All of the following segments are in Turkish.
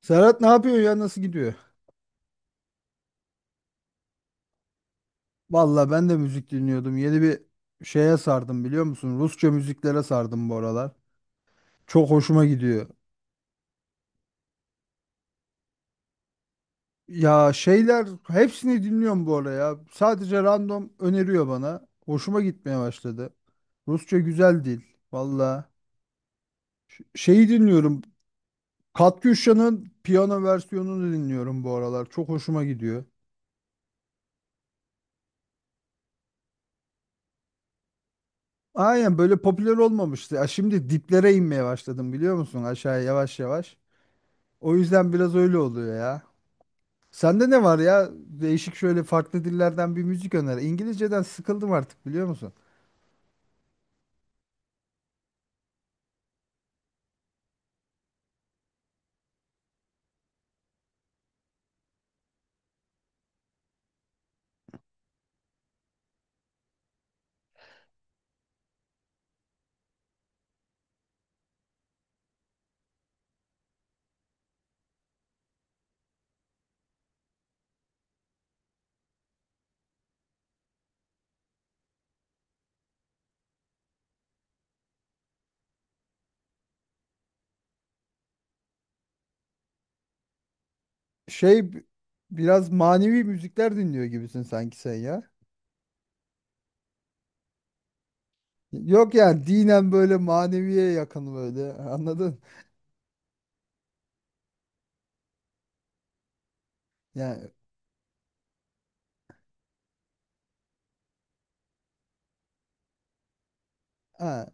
Serhat ne yapıyor ya? Nasıl gidiyor? Valla ben de müzik dinliyordum. Yeni bir şeye sardım biliyor musun? Rusça müziklere sardım bu aralar. Çok hoşuma gidiyor. Ya şeyler hepsini dinliyorum bu ara ya. Sadece random öneriyor bana. Hoşuma gitmeye başladı. Rusça güzel dil. Valla. Şeyi dinliyorum. Katyuşa'nın piyano versiyonunu dinliyorum bu aralar. Çok hoşuma gidiyor. Aynen böyle popüler olmamıştı. Ya şimdi diplere inmeye başladım biliyor musun? Aşağıya yavaş yavaş. O yüzden biraz öyle oluyor ya. Sende ne var ya? Değişik şöyle farklı dillerden bir müzik öner. İngilizceden sıkıldım artık biliyor musun? Şey b- Biraz manevi müzikler dinliyor gibisin sanki sen ya. Yok yani dinen böyle maneviye yakın böyle anladın? Yani ha,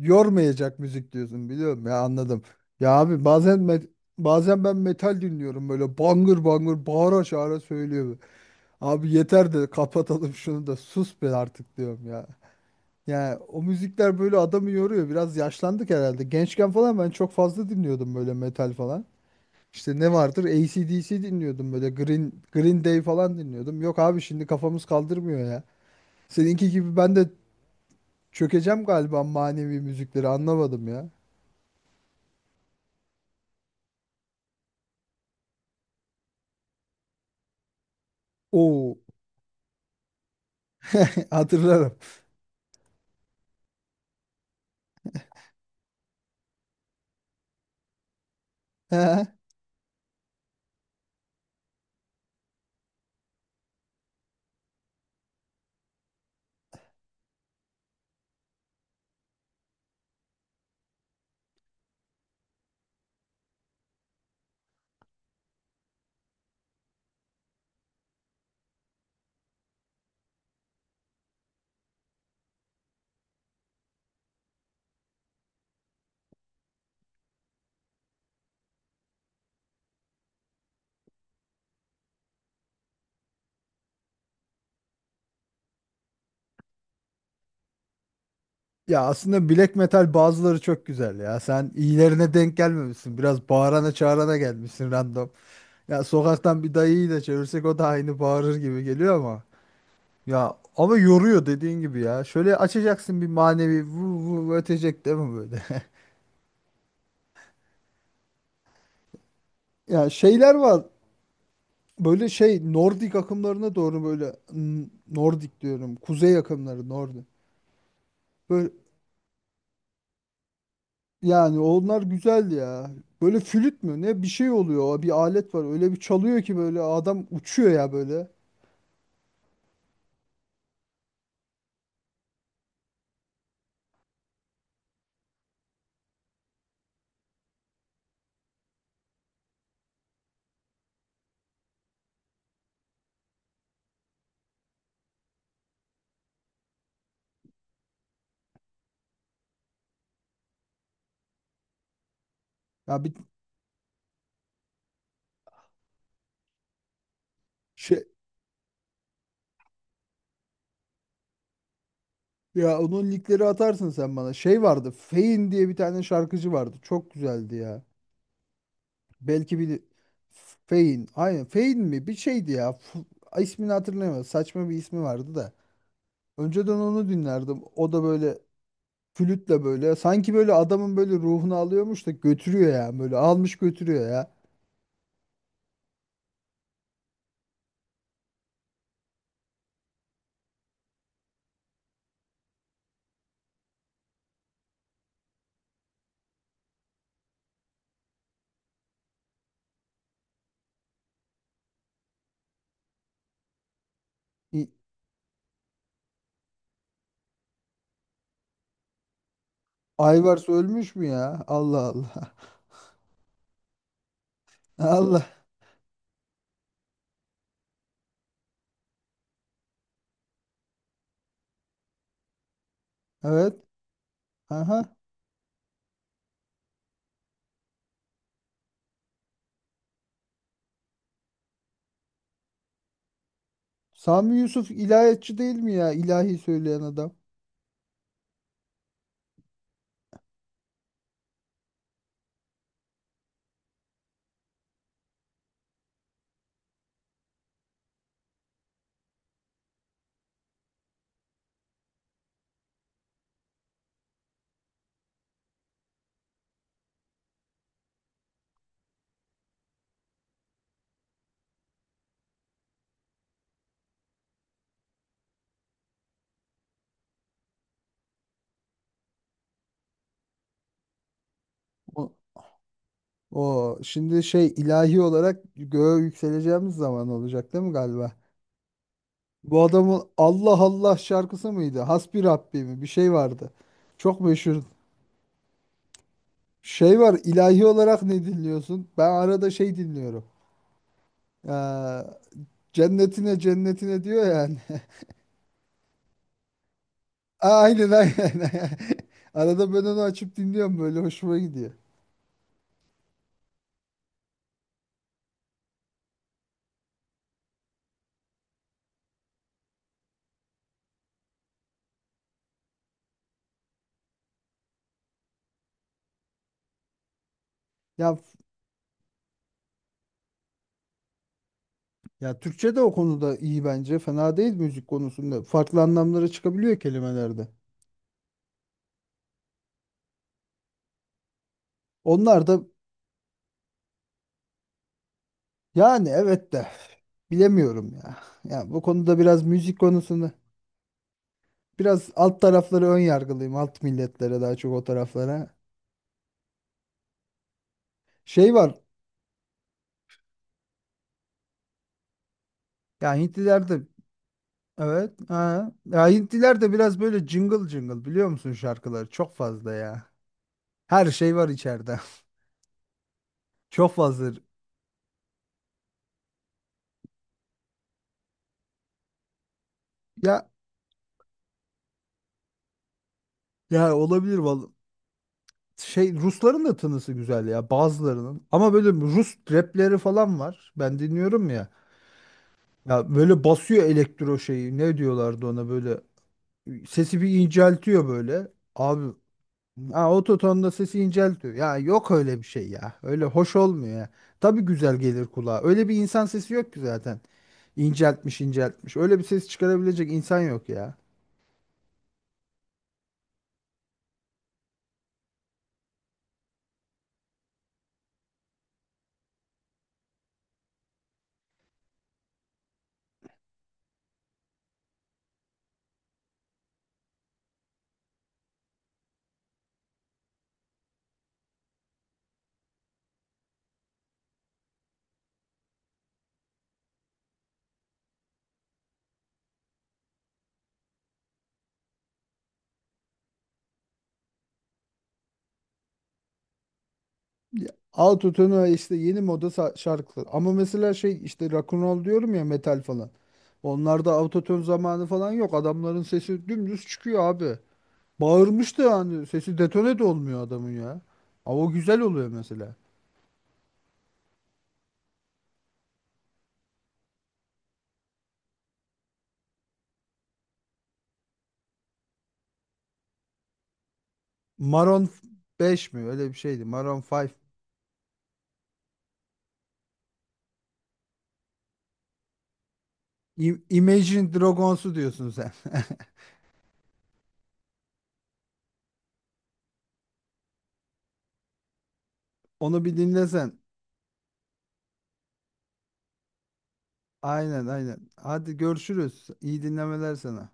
yormayacak müzik diyorsun biliyorum ya anladım. Ya abi bazen ben metal dinliyorum böyle bangır bangır bağıra çağıra söylüyor. Abi yeter de kapatalım şunu da sus be artık diyorum ya. Yani o müzikler böyle adamı yoruyor. Biraz yaşlandık herhalde. Gençken falan ben çok fazla dinliyordum böyle metal falan. İşte ne vardır? AC/DC dinliyordum böyle. Green, Green Day falan dinliyordum. Yok abi şimdi kafamız kaldırmıyor ya. Seninki gibi ben de çökeceğim galiba, manevi müzikleri anlamadım ya. Oo, hatırlarım. Ya aslında black metal bazıları çok güzel ya. Sen iyilerine denk gelmemişsin. Biraz bağırana çağırana gelmişsin random. Ya sokaktan bir dayıyı da çevirsek o da aynı bağırır gibi geliyor ama. Ya ama yoruyor dediğin gibi ya. Şöyle açacaksın bir manevi vu vu vu ötecek değil mi böyle? Ya şeyler var. Böyle şey Nordik akımlarına doğru böyle Nordik diyorum. Kuzey akımları Nordik. Böyle yani onlar güzel ya. Böyle flüt mü ne bir şey oluyor. Bir alet var. Öyle bir çalıyor ki böyle adam uçuyor ya böyle. Ya bir şey ya Onun linkleri atarsın sen bana. Şey vardı. Fein diye bir tane şarkıcı vardı. Çok güzeldi ya. Belki bir Fein. Aynen Fein mi? Bir şeydi ya. İsmini hatırlayamadım. Saçma bir ismi vardı da. Önceden onu dinlerdim. O da böyle flütle böyle. Sanki böyle adamın böyle ruhunu alıyormuş da götürüyor ya. Böyle almış götürüyor ya. İ- Ayvars ölmüş mü ya? Allah Allah. Allah. Evet. Aha. Sami Yusuf ilahiyatçı değil mi ya? İlahi söyleyen adam. O, o şimdi şey ilahi olarak göğe yükseleceğimiz zaman olacak değil mi galiba? Bu adamın Allah Allah şarkısı mıydı? Hasbi Rabbi mi? Bir şey vardı. Çok meşhur. Şey var ilahi olarak ne dinliyorsun? Ben arada şey dinliyorum. Ee, Cennetine cennetine diyor yani. Aynen, aynen. Arada ben onu açıp dinliyorum böyle hoşuma gidiyor. Ya Türkçe de o konuda iyi bence. Fena değil müzik konusunda. Farklı anlamlara çıkabiliyor kelimelerde. Onlar da yani evet de bilemiyorum ya. Ya bu konuda biraz müzik konusunda biraz alt tarafları ön yargılıyım. Alt milletlere daha çok o taraflara. Şey var. Ya Hintliler de evet. Ha. Ya Hintliler de biraz böyle cıngıl cıngıl biliyor musun şarkıları? Çok fazla ya. Her şey var içeride. Çok fazla. Ya ya olabilir vallahi. Şey Rusların da tınısı güzel ya bazılarının. Ama böyle Rus rapleri falan var. Ben dinliyorum ya. Ya böyle basıyor elektro şeyi. Ne diyorlardı ona böyle. Sesi bir inceltiyor böyle. Abi ha, ototonda sesi inceltiyor. Ya yok öyle bir şey ya. Öyle hoş olmuyor ya. Tabii güzel gelir kulağa. Öyle bir insan sesi yok ki zaten. İnceltmiş inceltmiş. Öyle bir ses çıkarabilecek insan yok ya. Ya, Autotune ve işte yeni moda şarkılar. Ama mesela şey işte rock'n'roll diyorum ya metal falan. Onlarda autotune zamanı falan yok. Adamların sesi dümdüz çıkıyor abi. Bağırmış da yani sesi detone de olmuyor adamın ya. Ama o güzel oluyor mesela. Maroon 5 mi? Öyle bir şeydi. Maroon 5. Imagine Dragons'u diyorsun sen. Onu bir dinlesen. Aynen, aynen. Hadi görüşürüz. İyi dinlemeler sana.